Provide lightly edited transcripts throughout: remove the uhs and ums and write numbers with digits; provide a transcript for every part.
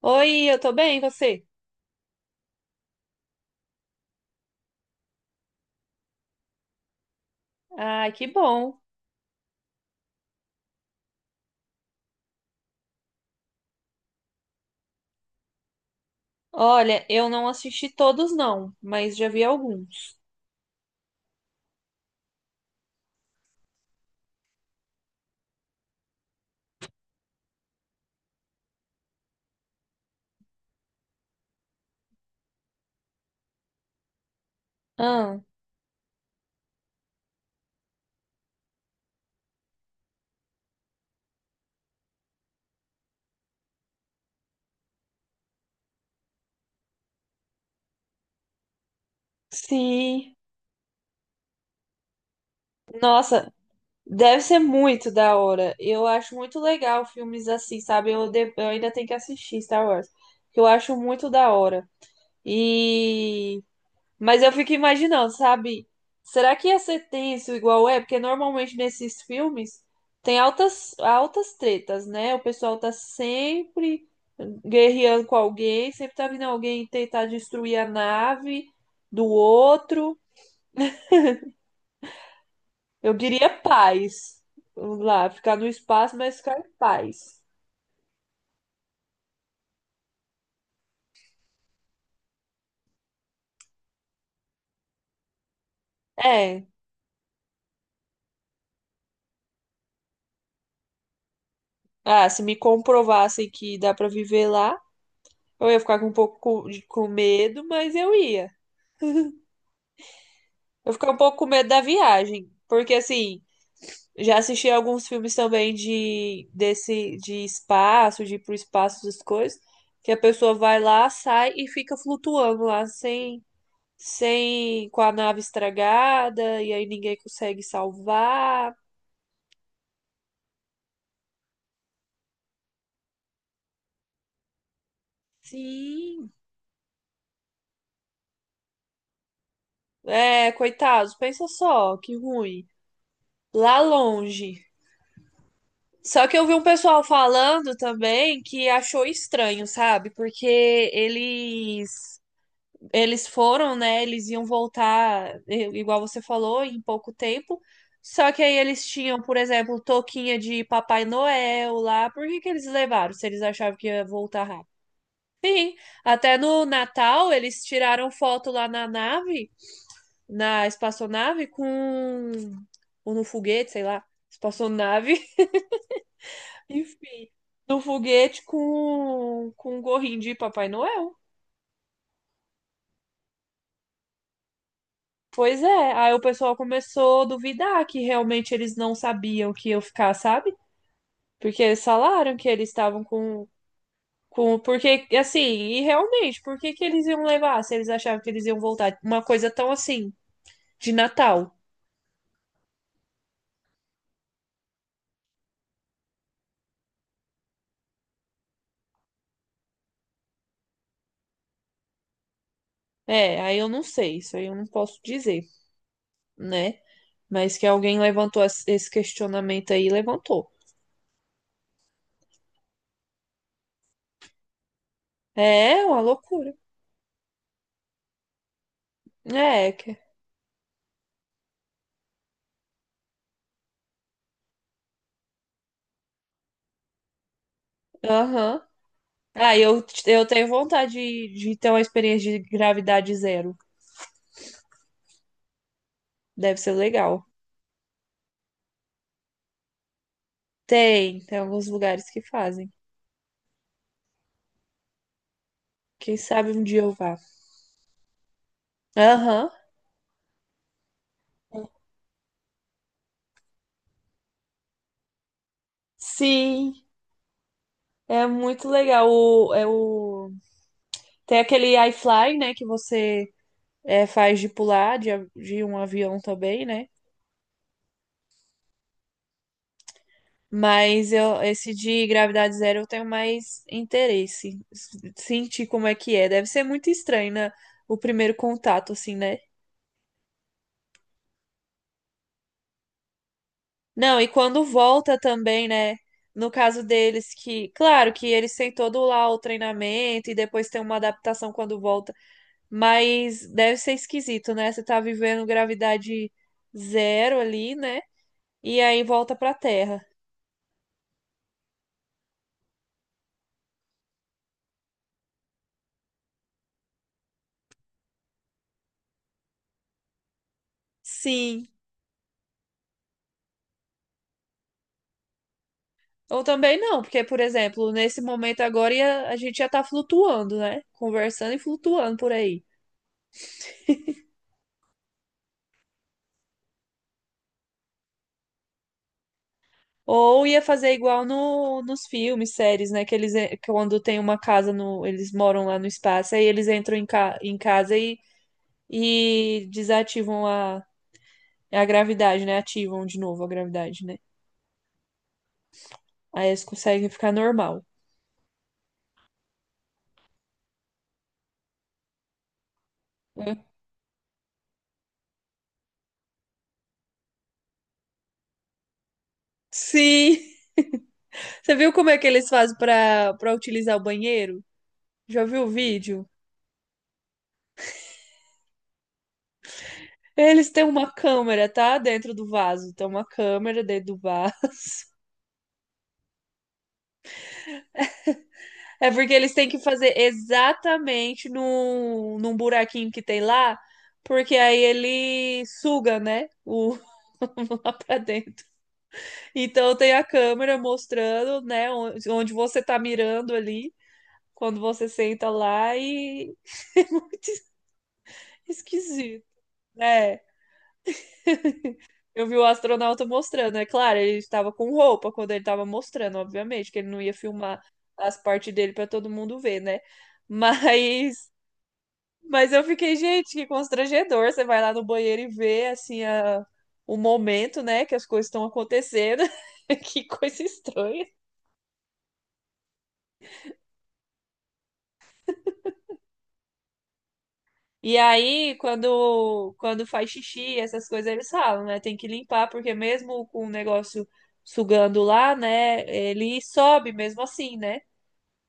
Oi, eu tô bem, e você? Ai, que bom. Olha, eu não assisti todos não, mas já vi alguns. Ah, sim. Nossa, deve ser muito da hora. Eu acho muito legal filmes assim, sabe? Eu ainda tenho que assistir Star Wars, que eu acho muito da hora. E mas eu fico imaginando, sabe? Será que ia ser tenso igual é? Porque normalmente nesses filmes tem altas, altas tretas, né? O pessoal tá sempre guerreando com alguém, sempre tá vindo alguém tentar destruir a nave do outro. Eu diria paz. Vamos lá, ficar no espaço, mas ficar em paz. É. Ah, se me comprovassem que dá pra viver lá, eu ia ficar com com medo, mas eu ia. Eu fiquei um pouco com medo da viagem, porque assim, já assisti alguns filmes também de desse de espaço, de ir pro espaço das coisas, que a pessoa vai lá, sai e fica flutuando lá sem com a nave estragada e aí ninguém consegue salvar. Sim. É, coitados, pensa só, que ruim. Lá longe. Só que eu vi um pessoal falando também que achou estranho, sabe? Porque eles eles foram, né? Eles iam voltar, igual você falou, em pouco tempo. Só que aí eles tinham, por exemplo, touquinha de Papai Noel lá. Por que que eles levaram, se eles achavam que ia voltar rápido? Sim, até no Natal eles tiraram foto lá na nave, na espaçonave, com. Ou no foguete, sei lá. Espaçonave, enfim, no foguete com um gorrinho de Papai Noel. Pois é, aí o pessoal começou a duvidar que realmente eles não sabiam que eu ficar, sabe? Porque eles falaram que eles estavam com, com. Porque, assim, e realmente, por que que eles iam levar se eles achavam que eles iam voltar? Uma coisa tão assim, de Natal. É, aí eu não sei, isso aí eu não posso dizer, né? Mas que alguém levantou esse questionamento aí, levantou. É uma loucura. É, que- aham. Ah, eu tenho vontade de ter uma experiência de gravidade zero. Deve ser legal. Tem, tem alguns lugares que fazem. Quem sabe um dia eu vá. Aham. Sim, é muito legal. O, é o... Tem aquele iFly, né? Que você é, faz de pular de, de um avião também, né? Mas eu, esse de gravidade zero eu tenho mais interesse. Sentir como é que é. Deve ser muito estranho, né? O primeiro contato, assim, né? Não, e quando volta também, né? No caso deles, que, claro que eles têm todo lá o treinamento e depois tem uma adaptação quando volta, mas deve ser esquisito, né? Você tá vivendo gravidade zero ali, né? E aí volta pra Terra. Sim. Ou também não, porque, por exemplo, nesse momento agora a gente já tá flutuando, né? Conversando e flutuando por aí. Ou ia fazer igual no, nos filmes, séries, né? Que eles, quando tem uma casa no, eles moram lá no espaço, aí eles entram em, ca, em casa e desativam a gravidade, né? Ativam de novo a gravidade, né? Aí eles conseguem ficar normal. Hum. Sim! Você viu como é que eles fazem para utilizar o banheiro? Já viu o vídeo? Eles têm uma câmera, tá? Dentro do vaso. Tem uma câmera dentro do vaso. É porque eles têm que fazer exatamente num buraquinho que tem lá, porque aí ele suga, né? O, lá pra dentro. Então tem a câmera mostrando, né, onde você tá mirando ali, quando você senta lá, e é muito esquisito. É, eu vi o astronauta mostrando, é claro, ele estava com roupa quando ele estava mostrando, obviamente, que ele não ia filmar as partes dele para todo mundo ver, né? Mas Mas eu fiquei, gente, que constrangedor. Você vai lá no banheiro e vê, assim, o momento, né, que as coisas estão acontecendo. Que coisa estranha. E aí, quando faz xixi, essas coisas eles falam, né? Tem que limpar, porque mesmo com o negócio sugando lá, né, ele sobe mesmo assim, né?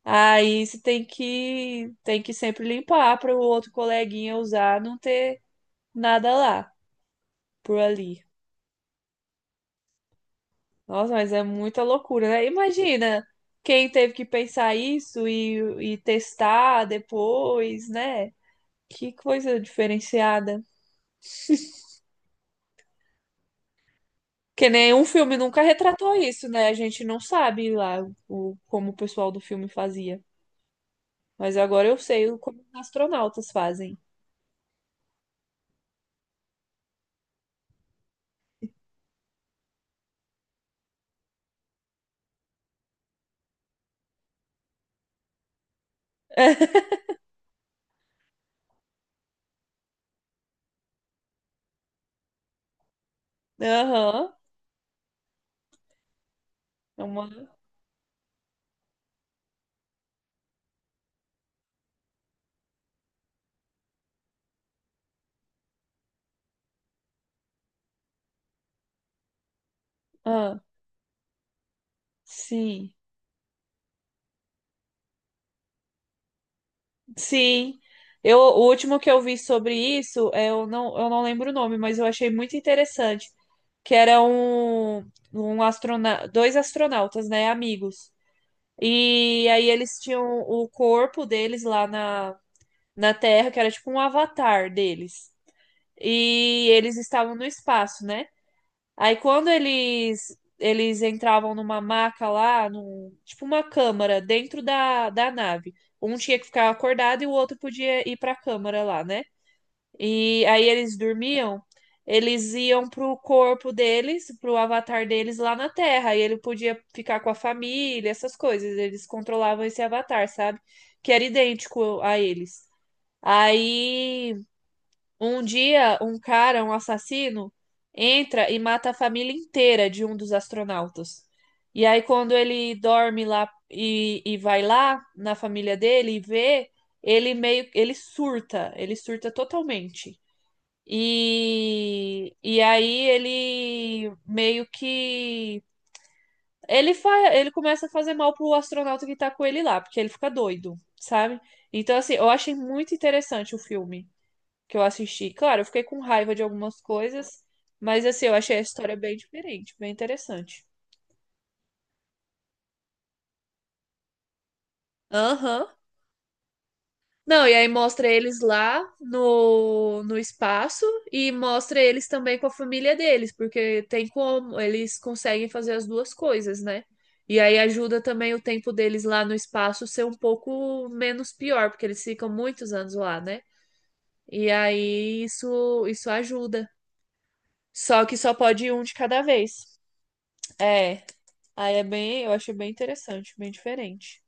Aí você tem que sempre limpar para o outro coleguinha usar, não ter nada lá por ali. Nossa, mas é muita loucura, né? Imagina quem teve que pensar isso e testar depois, né? Que coisa diferenciada. Que nenhum filme nunca retratou isso, né? A gente não sabe lá como o pessoal do filme fazia. Mas agora eu sei como os astronautas fazem. Aham. É uma... Ah, sim. Sim. Eu, o último que eu vi sobre isso, eu não lembro o nome, mas eu achei muito interessante, que era um, um astrona... dois astronautas, né, amigos. E aí eles tinham o corpo deles lá na, na Terra, que era tipo um avatar deles. E eles estavam no espaço, né? Aí quando eles entravam numa maca lá, num, tipo uma câmara dentro da, da nave. Um tinha que ficar acordado e o outro podia ir pra câmara lá, né? E aí eles dormiam, eles iam pro corpo deles, pro avatar deles lá na Terra. E ele podia ficar com a família, essas coisas. Eles controlavam esse avatar, sabe? Que era idêntico a eles. Aí um dia, um cara, um assassino, entra e mata a família inteira de um dos astronautas. E aí, quando ele dorme lá e vai lá na família dele e vê, ele meio, ele surta totalmente. E aí ele meio que ele fa... ele começa a fazer mal pro astronauta que tá com ele lá, porque ele fica doido, sabe? Então, assim, eu achei muito interessante o filme que eu assisti. Claro, eu fiquei com raiva de algumas coisas, mas assim, eu achei a história bem diferente, bem interessante. Aham. Não, e aí mostra eles lá no espaço e mostra eles também com a família deles, porque tem como, eles conseguem fazer as duas coisas, né? E aí ajuda também o tempo deles lá no espaço ser um pouco menos pior, porque eles ficam muitos anos lá, né? E aí isso ajuda. Só que só pode ir um de cada vez. É. Aí é bem, eu acho bem interessante, bem diferente.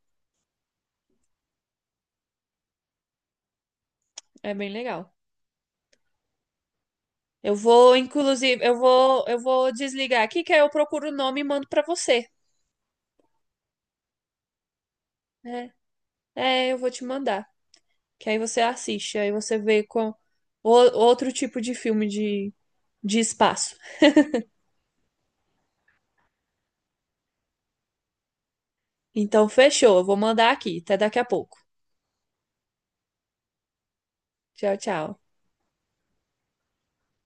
É bem legal. Eu vou, inclusive, eu vou desligar aqui, que aí eu procuro o nome e mando pra você. Né? É, eu vou te mandar. Que aí você assiste, aí você vê com o- outro tipo de filme de espaço. Então, fechou. Eu vou mandar aqui. Até daqui a pouco. Tchau, tchau.